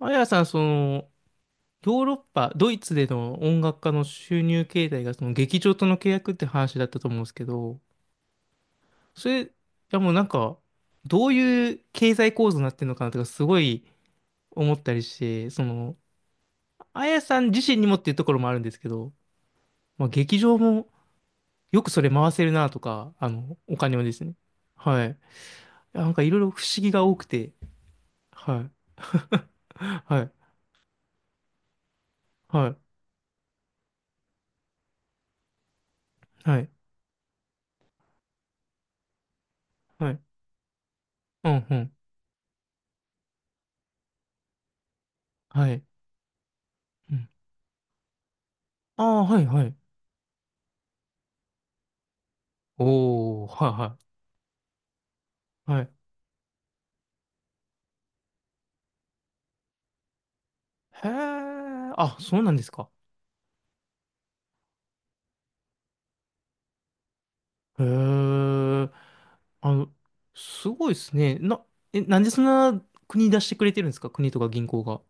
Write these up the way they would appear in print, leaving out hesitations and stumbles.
あやさん、その、ヨーロッパ、ドイツでの音楽家の収入形態が、その劇場との契約って話だったと思うんですけど、それ、いやもうなんか、どういう経済構図になってるのかなとか、すごい思ったりして、その、あやさん自身にもっていうところもあるんですけど、まあ、劇場もよくそれ回せるなとか、あの、お金をですね。はい。いやなんかいろいろ不思議が多くて、はい。はい。はい。はい。はい。うん、うん。はい。うん。ああ、はい、はい。おー、はいはい。はい。へえ、あ、そうなんですか。へえ、あの、すごいですね。なんでそんな国出してくれてるんですか、国とか銀行が。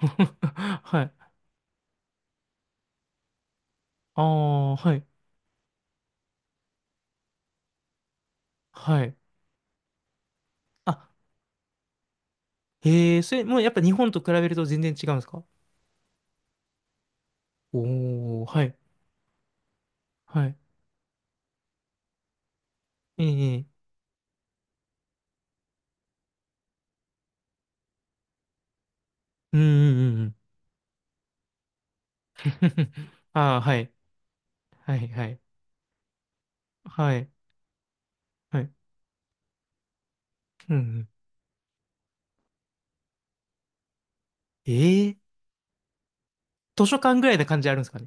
はい。ああ、はい。はい。あ、へえ、それ、もうやっぱ日本と比べると全然違うんですか。おー、はい。はい。ええ、ええ、うんうんうんうん。ああ、はい。はい、はい。はい。はい。うんうん。ええ、図書館ぐらいな感じあるんですかね。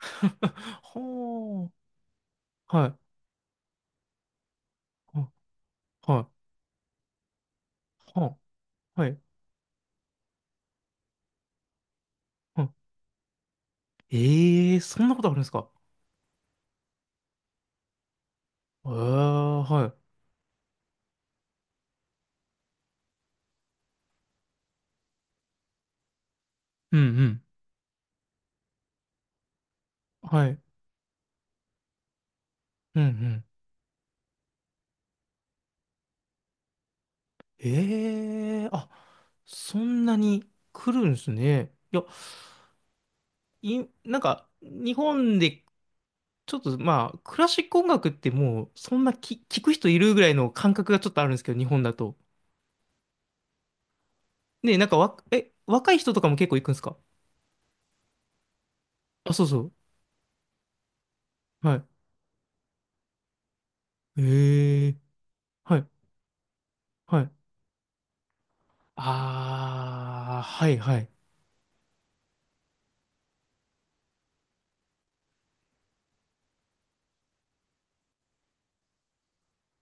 はー、はい、は、はい、は、はい、は、ええ、そんなことあるんですか。ええ、はい。うんうん。はい。うんうん。ええ、あ、そんなに来るんですね。いや、い、なんか、日本で、ちょっとまあ、クラシック音楽ってもう、そんなき、聞く人いるぐらいの感覚がちょっとあるんですけど、日本だと。ね、なんか、若い人とかも結構行くんですか。あ、そうそう。はい。ええ、はい。はい。ああ、はいはい。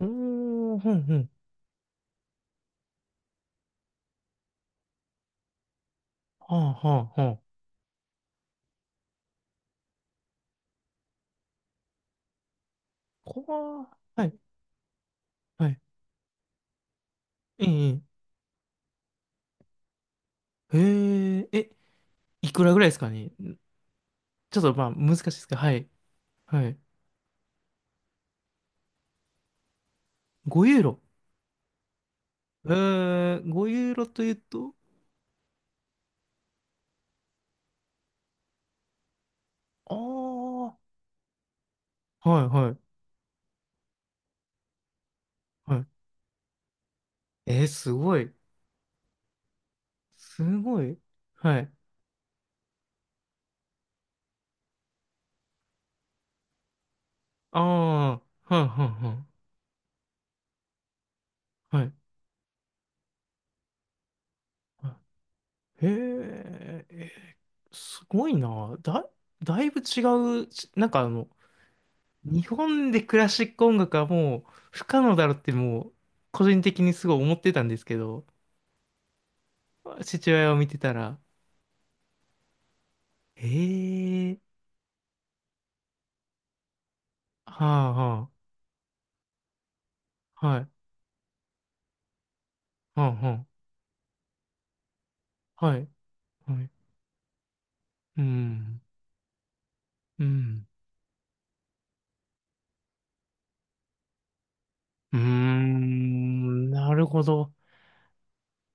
うーん、ふんふん。はあはあはあ。こわー、はい、はい。ええ、ええ、え、いくらぐらいですかね。ちょっとまあ難しいですけど、はい、はい。5ユーロ。ええ、5ユーロというと、ああ、はい、はい、はい。えー、すごい。すごい。はい。ああ、はい、はい、はい。はい。はい、へえ、えー、すごいな。だいぶ違うし、なんかあの、日本でクラシック音楽はもう不可能だろってもう個人的にすごい思ってたんですけど、父親を見てたら、ええ、はあ、はあ、はい、はあ、はあ、はい、はい、うん、うん、うーん、なるほど。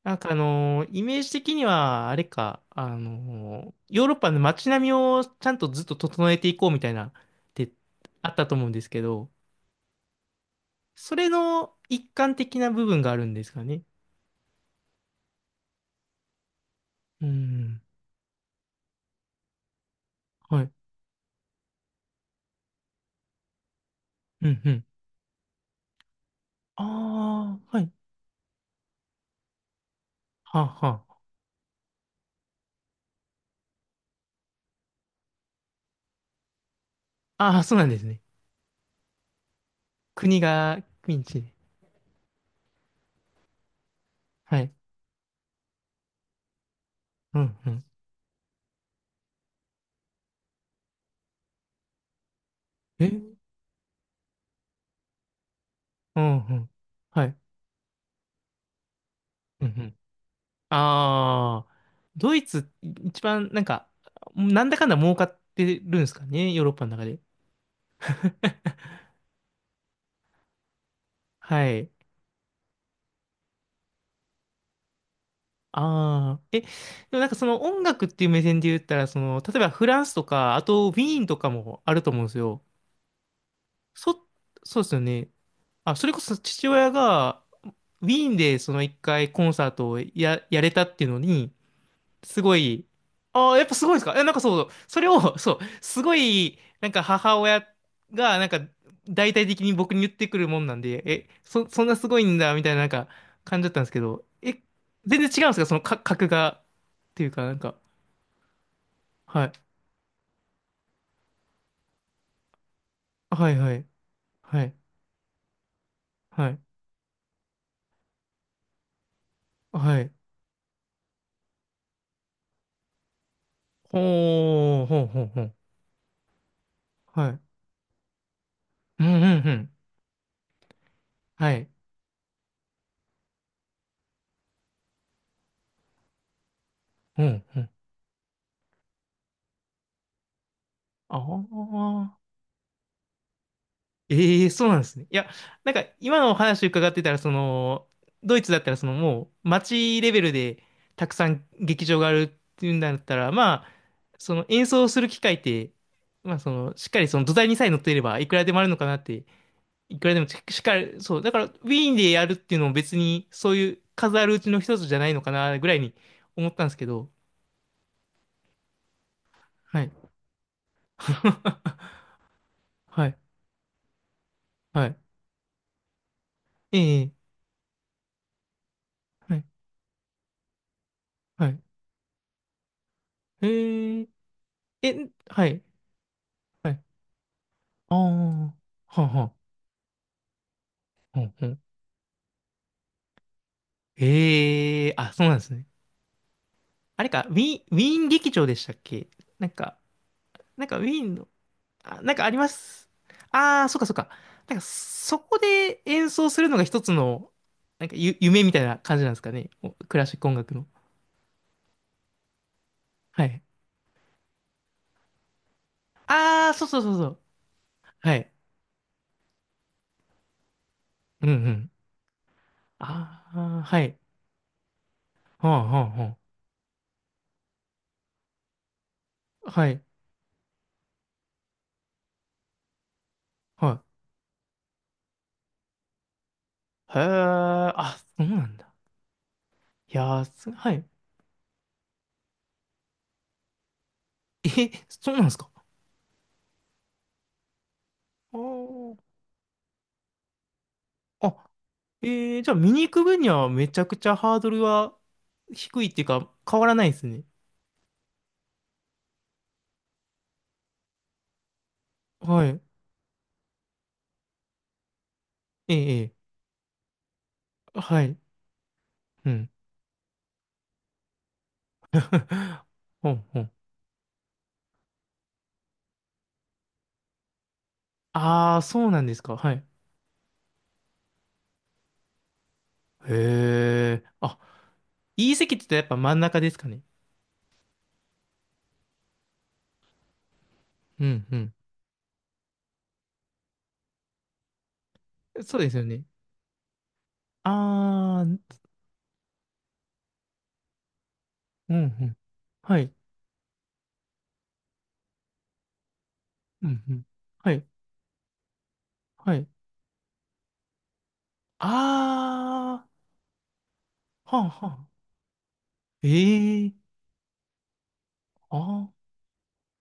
なんかあのーイメージ的には、あれか、あのーヨーロッパの街並みをちゃんとずっと整えていこうみたいな、ってあったと思うんですけど、それの一環的な部分があるんですかね。うん。はい。うん、うん。ああ、はい。はあ、はあ。ああ、そうなんですね。国がピンチで。はい。うん、うん。え、うん、うん。はい。うん、うん。ああ、ドイツ、一番、なんか、なんだかんだ儲かってるんですかね、ヨーロッパの中で。はい。ああ、え、でもなんかその音楽っていう目線で言ったら、その、例えばフランスとか、あとウィーンとかもあると思うんですよ。そ、そうですよね。あ、それこそ父親が、ウィーンでその一回コンサートをやれたっていうのに、すごい、ああ、やっぱすごいですか。え、なんかそう、それを、そう、すごい、なんか母親が、なんか、大体的に僕に言ってくるもんなんで、え、そんなすごいんだ、みたいな、なんか、感じだったんですけど、え、全然違うんですか、そのか、格が、っていうか、なんか、はい。はいはい。はい。はい。はい。ほー、ほんほんほん。はい。うんうんうん。はい。うんうん、ああ。ええ、そうなんですね。いや、なんか今のお話伺ってたら、その、ドイツだったら、そのもう街レベルでたくさん劇場があるっていうんだったら、まあ、その演奏する機会って、まあ、その、しっかりその土台にさえ乗っていれば、いくらでもあるのかなって、いくらでもっかり、そう、だから、ウィーンでやるっていうのも別に、そういう数あるうちの一つじゃないのかな、ぐらいに思ったんですけど、はい。はい、はい。ええ、はい、はい。え、ええ、はい、はい。ああ、はあ、はあ、はあ、はあ。ええ、あ、そうなんですね。あれか、ウィーン劇場でしたっけ。なんか、なんかウィーンの、あ、なんかあります。ああ、そっかそっか。なんか、そこで演奏するのが一つの、なんか、夢みたいな感じなんですかね。おクラシック音楽の。はい。ああ、そうそうそうそう。はい。うんうん。ああ、はい。はあ、はあ、はあ。はい。はい。へえ、あ、そうなんだ。いやー、す、はい。え、そうなんですか。あー、あ、えー、じゃあ見に行く分にはめちゃくちゃハードルは低いっていうか変わらないですね。はい。ええ、ええ、はい。うん。ほんほん。ああ、そうなんですか。はい。へえ。あ、いい席って言ったらやっぱ真ん中ですかね。うんうん。そうですよね。ああ、うんうん。はい。うんうん。はい。はい。ああ、はあはあ。ええ、ああ。